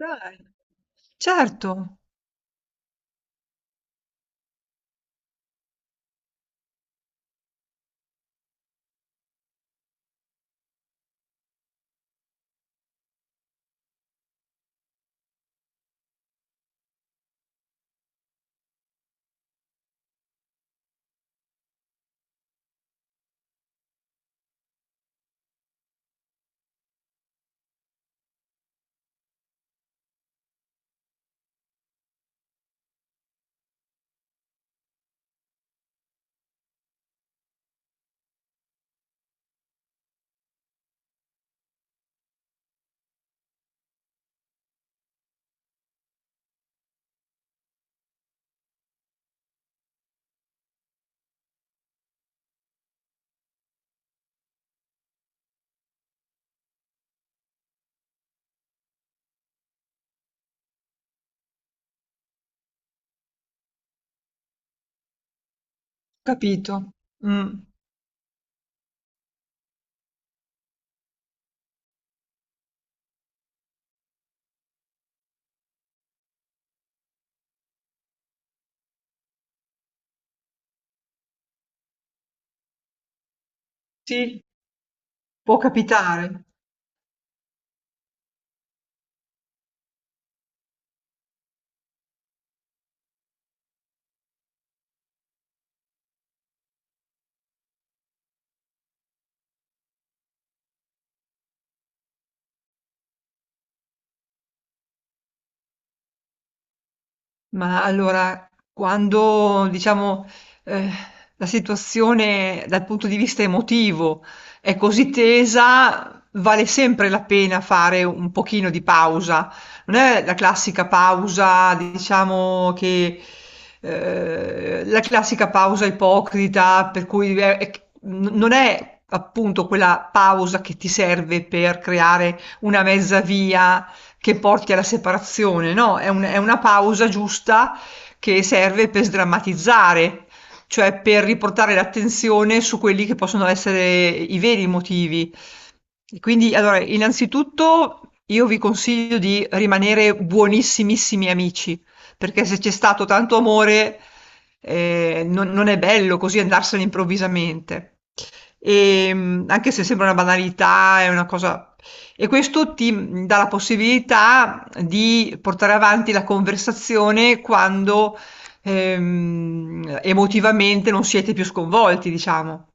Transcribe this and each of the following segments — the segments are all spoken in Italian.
Dai, certo, capito. Mh, sì, può capitare. Ma allora, quando diciamo eh, la situazione dal punto di vista emotivo è così tesa, vale sempre la pena fare un pochino di pausa. Non è la classica pausa, diciamo che la classica pausa ipocrita, per cui non è appunto quella pausa che ti serve per creare una mezza via che porti alla separazione, no, è una pausa giusta che serve per sdrammatizzare, cioè per riportare l'attenzione su quelli che possono essere i veri motivi. E quindi, allora, innanzitutto io vi consiglio di rimanere buonissimissimi amici, perché se c'è stato tanto amore, non, non è bello così andarsene improvvisamente. Anche se sembra una banalità, è una cosa e questo ti, dà la possibilità di portare avanti la conversazione quando, emotivamente non siete più sconvolti, diciamo.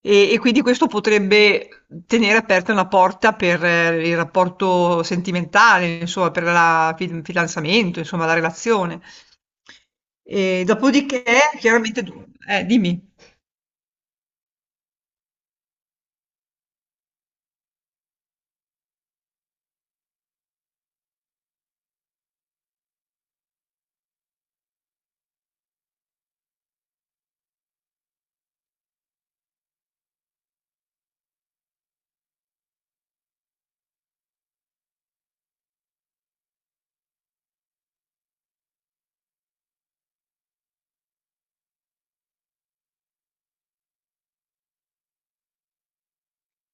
E quindi questo potrebbe tenere aperta una porta per il rapporto sentimentale, insomma per la fidanzamento, insomma la relazione. E dopodiché chiaramente du dimmi.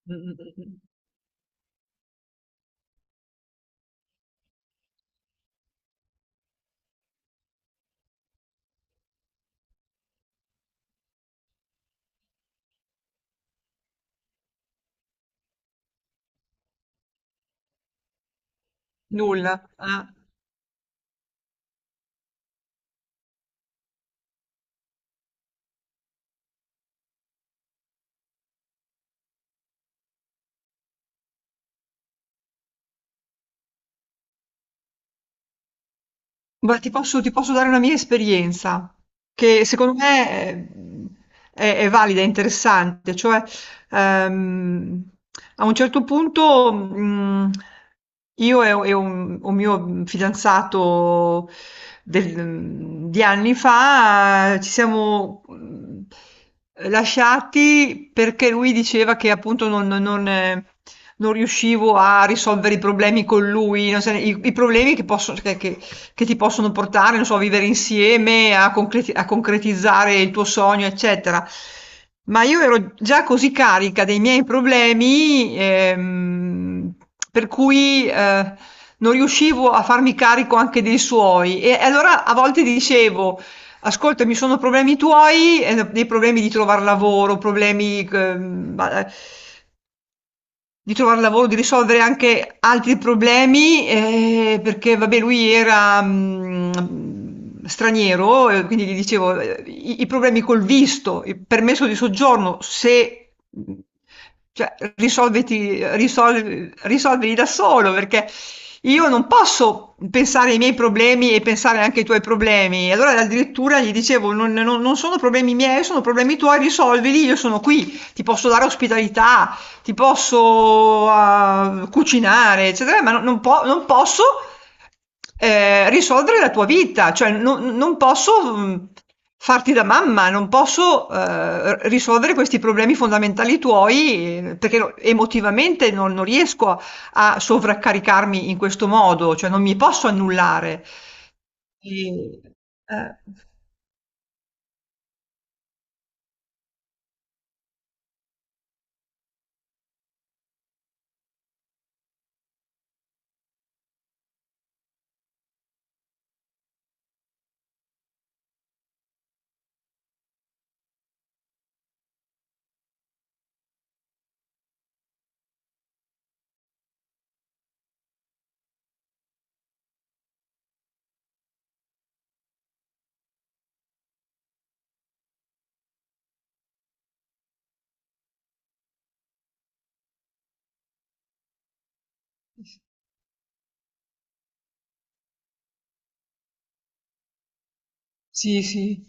Mh-mh, mh-mh. Nulla, ah. Beh, ti posso dare una mia esperienza, che secondo me è valida, è interessante. Cioè, ehm, a un certo punto, io e u e un mio fidanzato di anni fa ci siamo, lasciati perché lui diceva che appunto non riuscivo a risolvere i problemi con lui, non se i problemi che ti possono portare, non so, a vivere insieme, a concretizzare il tuo sogno, eccetera. Ma io ero già così carica dei miei problemi, per cui non riuscivo a farmi carico anche dei suoi. E allora a volte dicevo, ascolta, mi sono problemi tuoi, dei problemi di trovare lavoro, di trovar lavoro, di risolvere anche altri problemi, perché vabbè lui era, straniero e quindi gli dicevo, i problemi col visto, il permesso di soggiorno, se mhmm, cioè risolviti risolv risolvili da solo, perché io non posso pensare ai miei problemi e pensare anche ai tuoi problemi. E allora addirittura gli dicevo: "Non sono problemi miei, sono problemi tuoi, risolvili, io sono qui, ti posso dare ospitalità." Ti posso cucinare, eccetera, ma non posso risolvere la tua vita, cioè non posso farti da mamma, non posso risolvere questi problemi fondamentali tuoi perché emotivamente non riesco a sovraccaricarmi in questo modo, cioè non mi posso annullare. E, eh, sì, sì,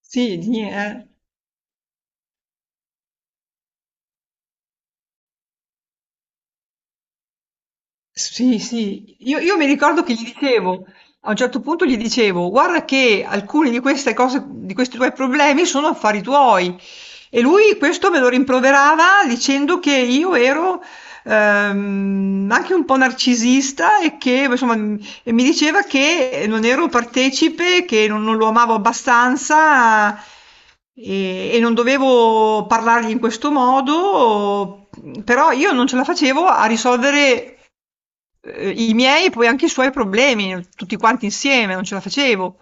sì. Sì, sì, io mi ricordo che gli dicevo, a un certo punto gli dicevo, guarda che alcuni di queste cose, di questi tuoi problemi sono affari tuoi. E lui questo me lo rimproverava dicendo che io ero anche un po' narcisista e che insomma e mi diceva che non ero partecipe, che non lo amavo abbastanza e non dovevo parlargli in questo modo, però io non ce la facevo a risolvere i miei e poi anche i suoi problemi, tutti quanti insieme, non ce la facevo.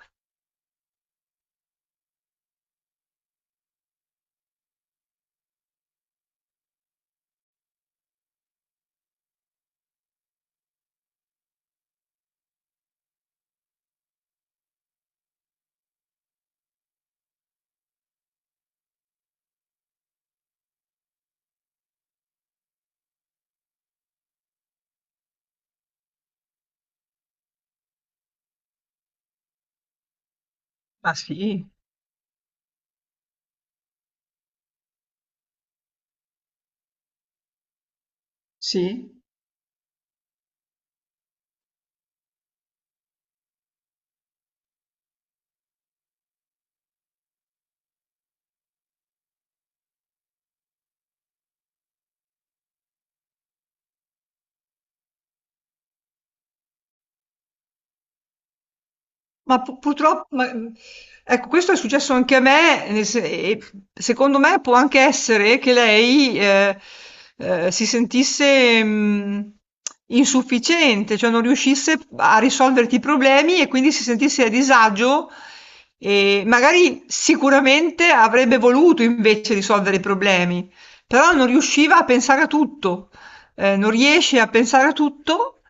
Ma sì, sì. Ma pu purtroppo ma mhmm, ecco questo è successo anche a me, nel se e secondo me può anche essere che lei, si sentisse, insufficiente, cioè non riuscisse a risolverti i problemi e quindi si sentisse a disagio e magari sicuramente avrebbe voluto invece risolvere i problemi, però non riusciva a pensare a tutto. Non riesci a pensare a tutto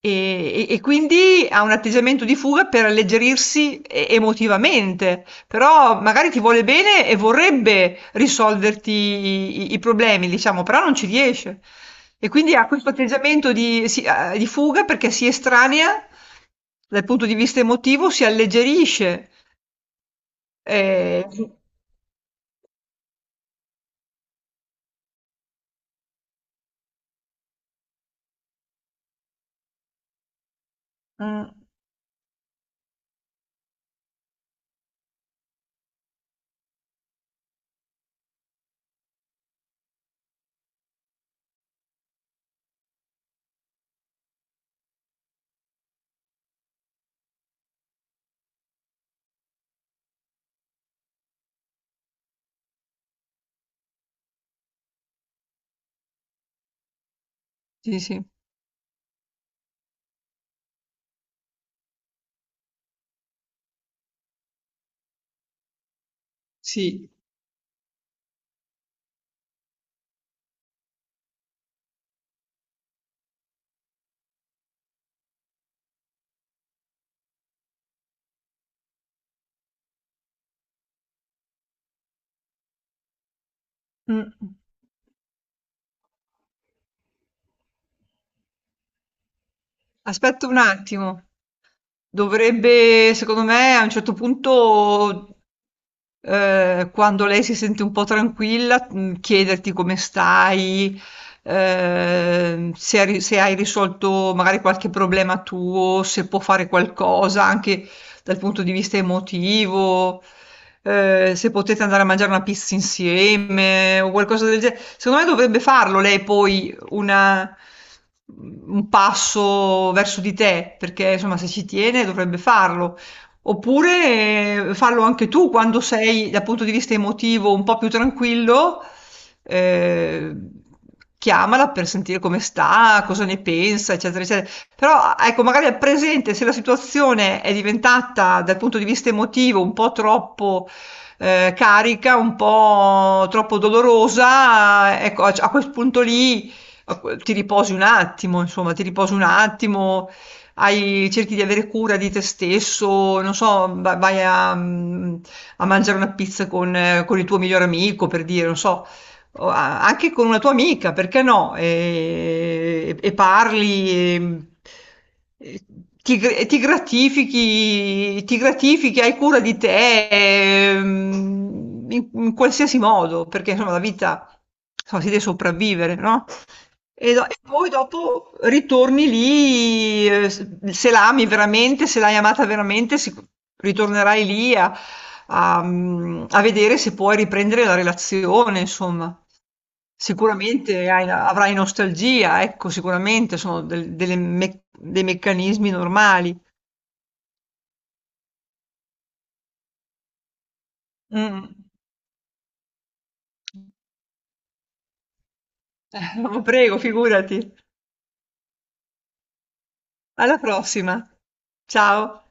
e e quindi ha un atteggiamento di fuga per alleggerirsi e emotivamente, però magari ti vuole bene e vorrebbe risolverti i problemi, diciamo, però non ci riesce. E quindi ha questo atteggiamento di fuga perché si estranea dal punto di vista emotivo, si alleggerisce, su mh, sì, sì, sì, mh-mh. Aspetta un attimo, dovrebbe secondo me a un certo punto, quando lei si sente un po' tranquilla, chiederti come stai, se hai risolto magari qualche problema tuo, se può fare qualcosa anche dal punto di vista emotivo, se potete andare a mangiare una pizza insieme o qualcosa del ge secondo me dovrebbe farlo lei, poi un passo verso di te, perché insomma se ci tiene dovrebbe farlo. Oppure fallo anche tu quando sei dal punto di vista emotivo un po' più tranquillo, eh, chiamala per sentire come sta, cosa ne pensa, eccetera, eccetera. Però ecco, magari al presente, se la situazione è diventata dal punto di vista emotivo un po' troppo carica, un po' troppo dolorosa, ecco, a quel punto lì ti riposi un attimo, insomma, ti riposi un attimo, hai cerchi di avere cura di te stesso, non so, vai a mangiare una pizza con il tuo migliore amico, per dire, non so, o anche con una tua amica, perché no? E parli, e ti gratifichi, ti gratifichi, hai cura di te, in, in qualsiasi modo, perché insomma la vita, insomma, si deve sopravvivere, no? E poi dopo ritorni lì, se l'ami veramente, se l'hai amata veramente, ritornerai lì a vedere se puoi riprendere la relazione, insomma. Sicuramente avrai nostalgia, ecco, sicuramente sono dei meccanismi normali. Mm. Prego, figurati. Alla prossima. Ciao.